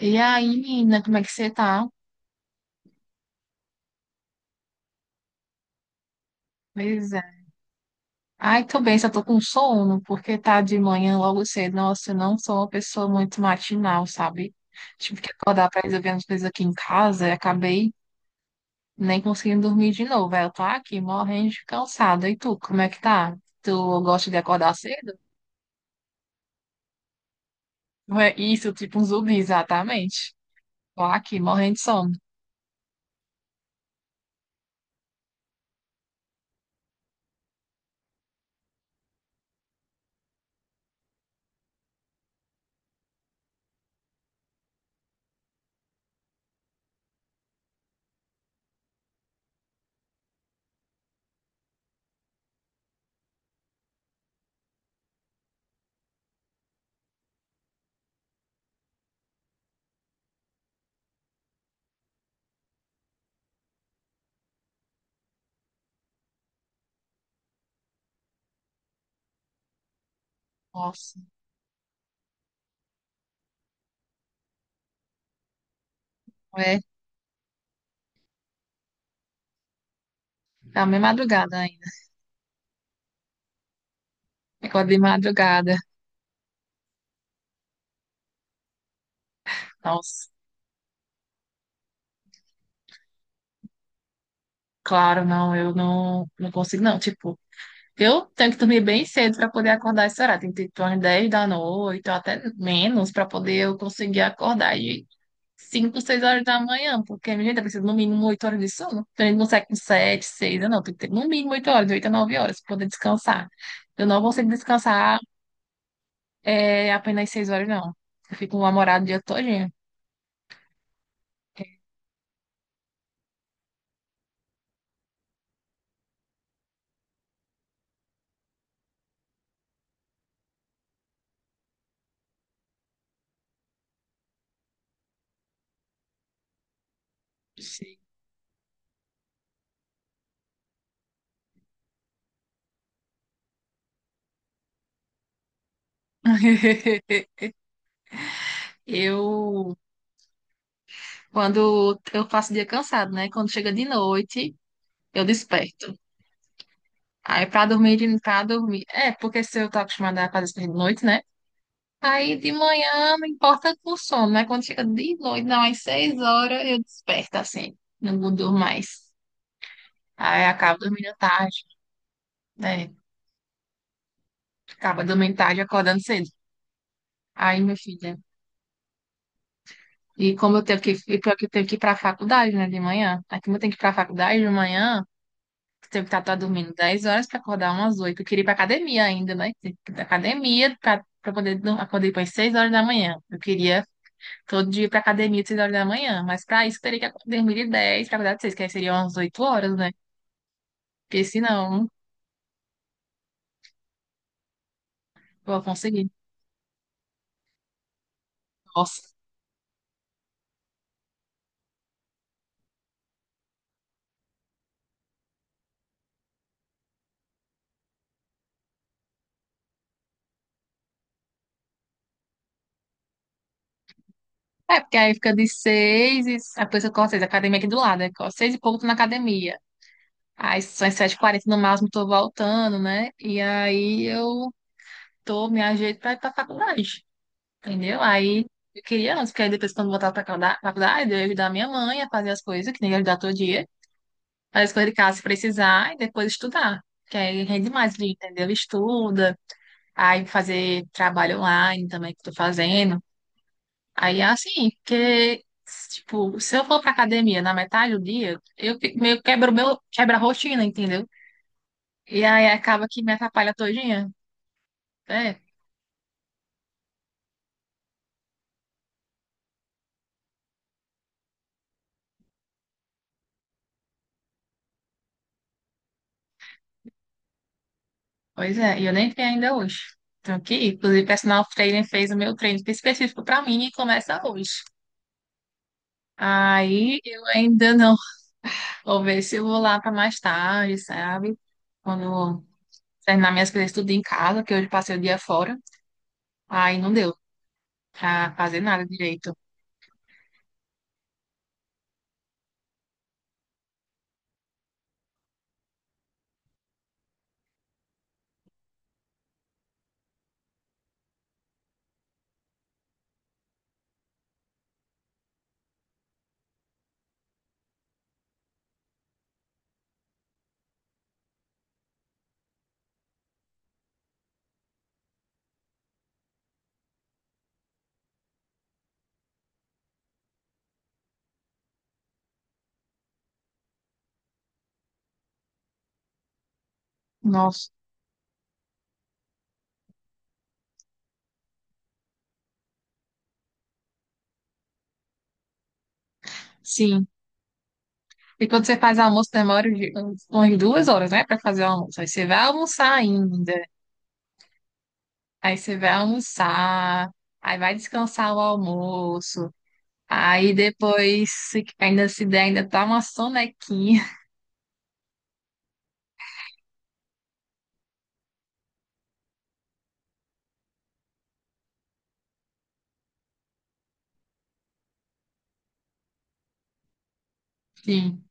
E aí, menina, como é que você tá? Pois é. Ai, tô bem, só tô com sono, porque tá de manhã logo cedo. Nossa, eu não sou uma pessoa muito matinal, sabe? Tive que acordar pra resolver umas coisas aqui em casa e acabei nem conseguindo dormir de novo. Aí eu tô aqui morrendo de cansada. E tu, como é que tá? Tu gosta de acordar cedo? Não é isso, tipo um zumbi, exatamente. Tô aqui morrendo de sono. Nossa, é, tá meio madrugada ainda. Acordo de madrugada. Nossa. Claro, não, eu não, não consigo, não. Tipo, eu tenho que dormir bem cedo para poder acordar esse horário. Tem que ter tipo, umas 10 da noite, ou até menos, para poder eu conseguir acordar de 5, 6 horas da manhã, porque minha gente precisa no mínimo 8 horas de sono. Então a gente não consegue com 7, 6, não. Tem que ter no mínimo 8 horas, de 8 a 9 horas, para poder descansar. Eu não consigo descansar é, apenas 6 horas, não. Eu fico namorado o dia todinho. Sim. Eu Quando eu passo o dia cansado, né? Quando chega de noite, eu desperto. Aí pra dormir. É, porque se eu tô acostumada a fazer isso de noite, né? Aí de manhã não importa com o sono, né? Quando chega de noite, não, às 6 horas eu desperto assim. Não durmo mais. Aí acabo dormindo tarde, né? Acaba dormindo tarde, e acordando cedo. Aí, minha filha. E pior que eu tenho que ir pra faculdade, né, de manhã. Aí como eu tenho que ir pra faculdade de manhã. Teve que estar tá dormindo 10 horas para acordar umas oito. Eu queria ir para academia ainda, né? Tem que ir para academia para poder, acordar para 6 horas da manhã. Eu queria todo dia ir para academia às 6 horas da manhã, mas para isso eu teria que dormir de 10 para acordar de 6, que aí seriam umas 8 horas, né? Porque senão, não vou conseguir. Nossa. É, porque aí fica de 6 e a pessoa corre 6, a academia aqui do lado, né? Corre 6 e pouco tô na academia. Aí são as sete h 40 no máximo, tô voltando, né? E aí me ajeito para ir para faculdade. Entendeu? Aí eu queria antes, porque aí depois, quando voltar pra faculdade, eu ia ajudar minha mãe a fazer as coisas, que nem ia ajudar todo dia, fazer as coisas de casa se precisar e depois estudar. Que aí rende mais, entendeu? Estuda, aí fazer trabalho online também que eu tô fazendo. Aí é assim, porque, tipo, se eu for pra academia na metade do dia, eu fi- meio que quebro o meu, quebra a rotina, entendeu? E aí acaba que me atrapalha todinha, né? Pois é, e eu nem entrei ainda hoje. Então, que, inclusive, o personal trainer fez o meu treino específico para mim e começa hoje. Aí eu ainda não. Vou ver se eu vou lá para mais tarde, sabe? Quando eu terminar minhas coisas tudo em casa, que hoje passei o dia fora. Aí não deu pra fazer nada direito. Nossa, sim. E quando você faz almoço, demora umas 2 horas, né, para fazer o almoço. Aí você vai almoçar ainda. Aí você vai almoçar. Aí vai descansar o almoço. Aí depois, ainda se der, ainda tá uma sonequinha. Sim.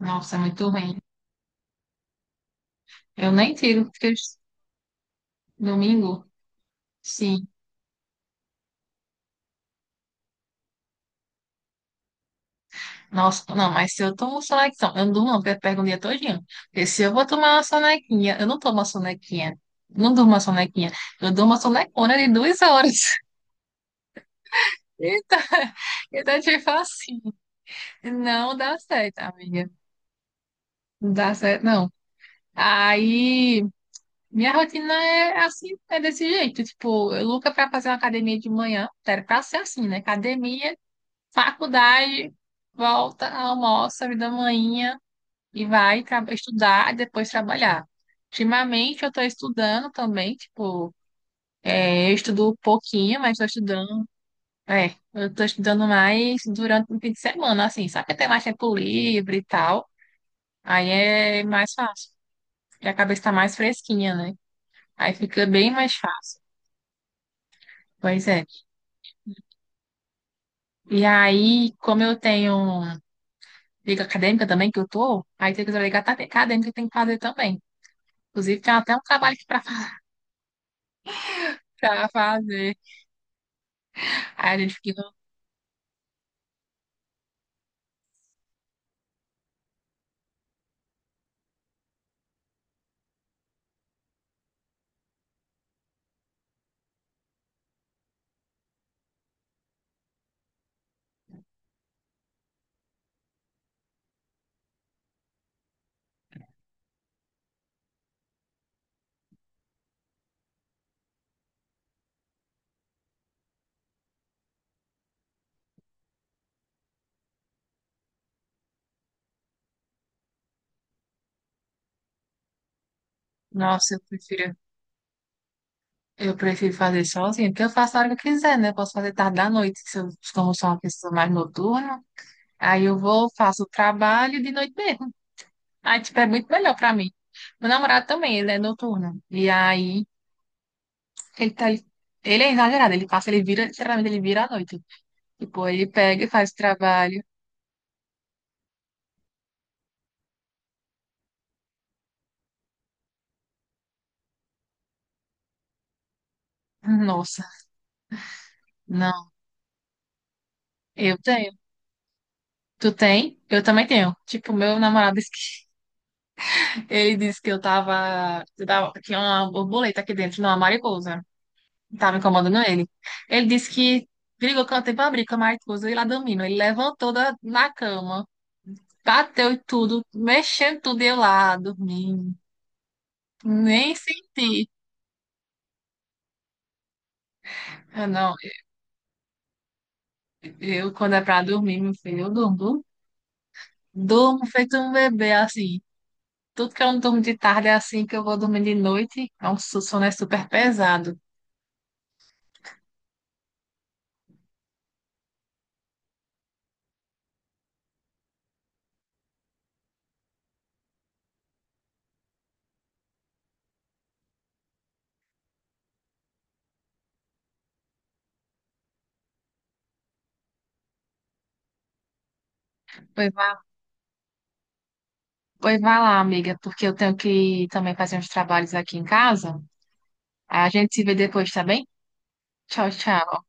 Nossa, é muito ruim. Eu nem tiro, porque domingo, sim. Nossa, não, mas se eu tomo sonequinha, eu não durmo, não, porque eu pego o dia todinho. Porque se eu vou tomar uma sonequinha, eu não tomo uma sonequinha. Não durmo uma sonequinha. Eu durmo uma sonecona de 2 horas. Eita, então, tipo assim, não dá certo, amiga. Não dá certo, não. Aí. Minha rotina é assim, é desse jeito. Tipo, eu Luca pra fazer uma academia de manhã, era pra ser assim, né? Academia, faculdade, volta, almoça, vida manhinha e vai estudar e depois trabalhar. Ultimamente eu tô estudando também, tipo, é, eu estudo um pouquinho, mas tô estudando. É, eu tô estudando mais durante o fim de semana, assim, sabe que tem mais tempo livre e tal. Aí é mais fácil, porque a cabeça tá mais fresquinha, né? Aí fica bem mais fácil. Pois é. E aí, como eu tenho liga acadêmica também, que eu tô, aí tem que ligar tá, acadêmica que tem que fazer também. Inclusive, tem até um trabalho aqui pra fazer. Aí a gente fica, nossa, eu prefiro fazer sozinha, porque eu faço a hora que eu quiser, né? Eu posso fazer tarde da noite, se eu, como sou uma pessoa mais noturna. Aí eu vou, faço o trabalho de noite mesmo. Aí, tipo, é muito melhor pra mim. Meu namorado também, ele é noturno. E aí, ele é exagerado, ele passa, ele vira, literalmente, ele vira à noite. Tipo, ele pega e faz o trabalho. Nossa, não, eu tenho. Tu tem? Eu também tenho. Tipo, meu namorado disse que, ele disse que tinha uma borboleta aqui dentro, não, uma mariposa. Tava incomodando ele. Ele disse que brigou com a tempo abrir com a mariposa e lá dormindo. Ele levantou na cama, bateu e tudo, mexendo tudo e eu lá, dormindo. Nem senti. Eu não, eu quando é pra dormir, meu filho, eu durmo. Durmo feito um bebê, assim. Tudo que eu não durmo de tarde é assim que eu vou dormir de noite. É um sono é super pesado. Pois vá, pois vá lá, amiga, porque eu tenho que também fazer uns trabalhos aqui em casa. A gente se vê depois, tá bem? Tchau, tchau.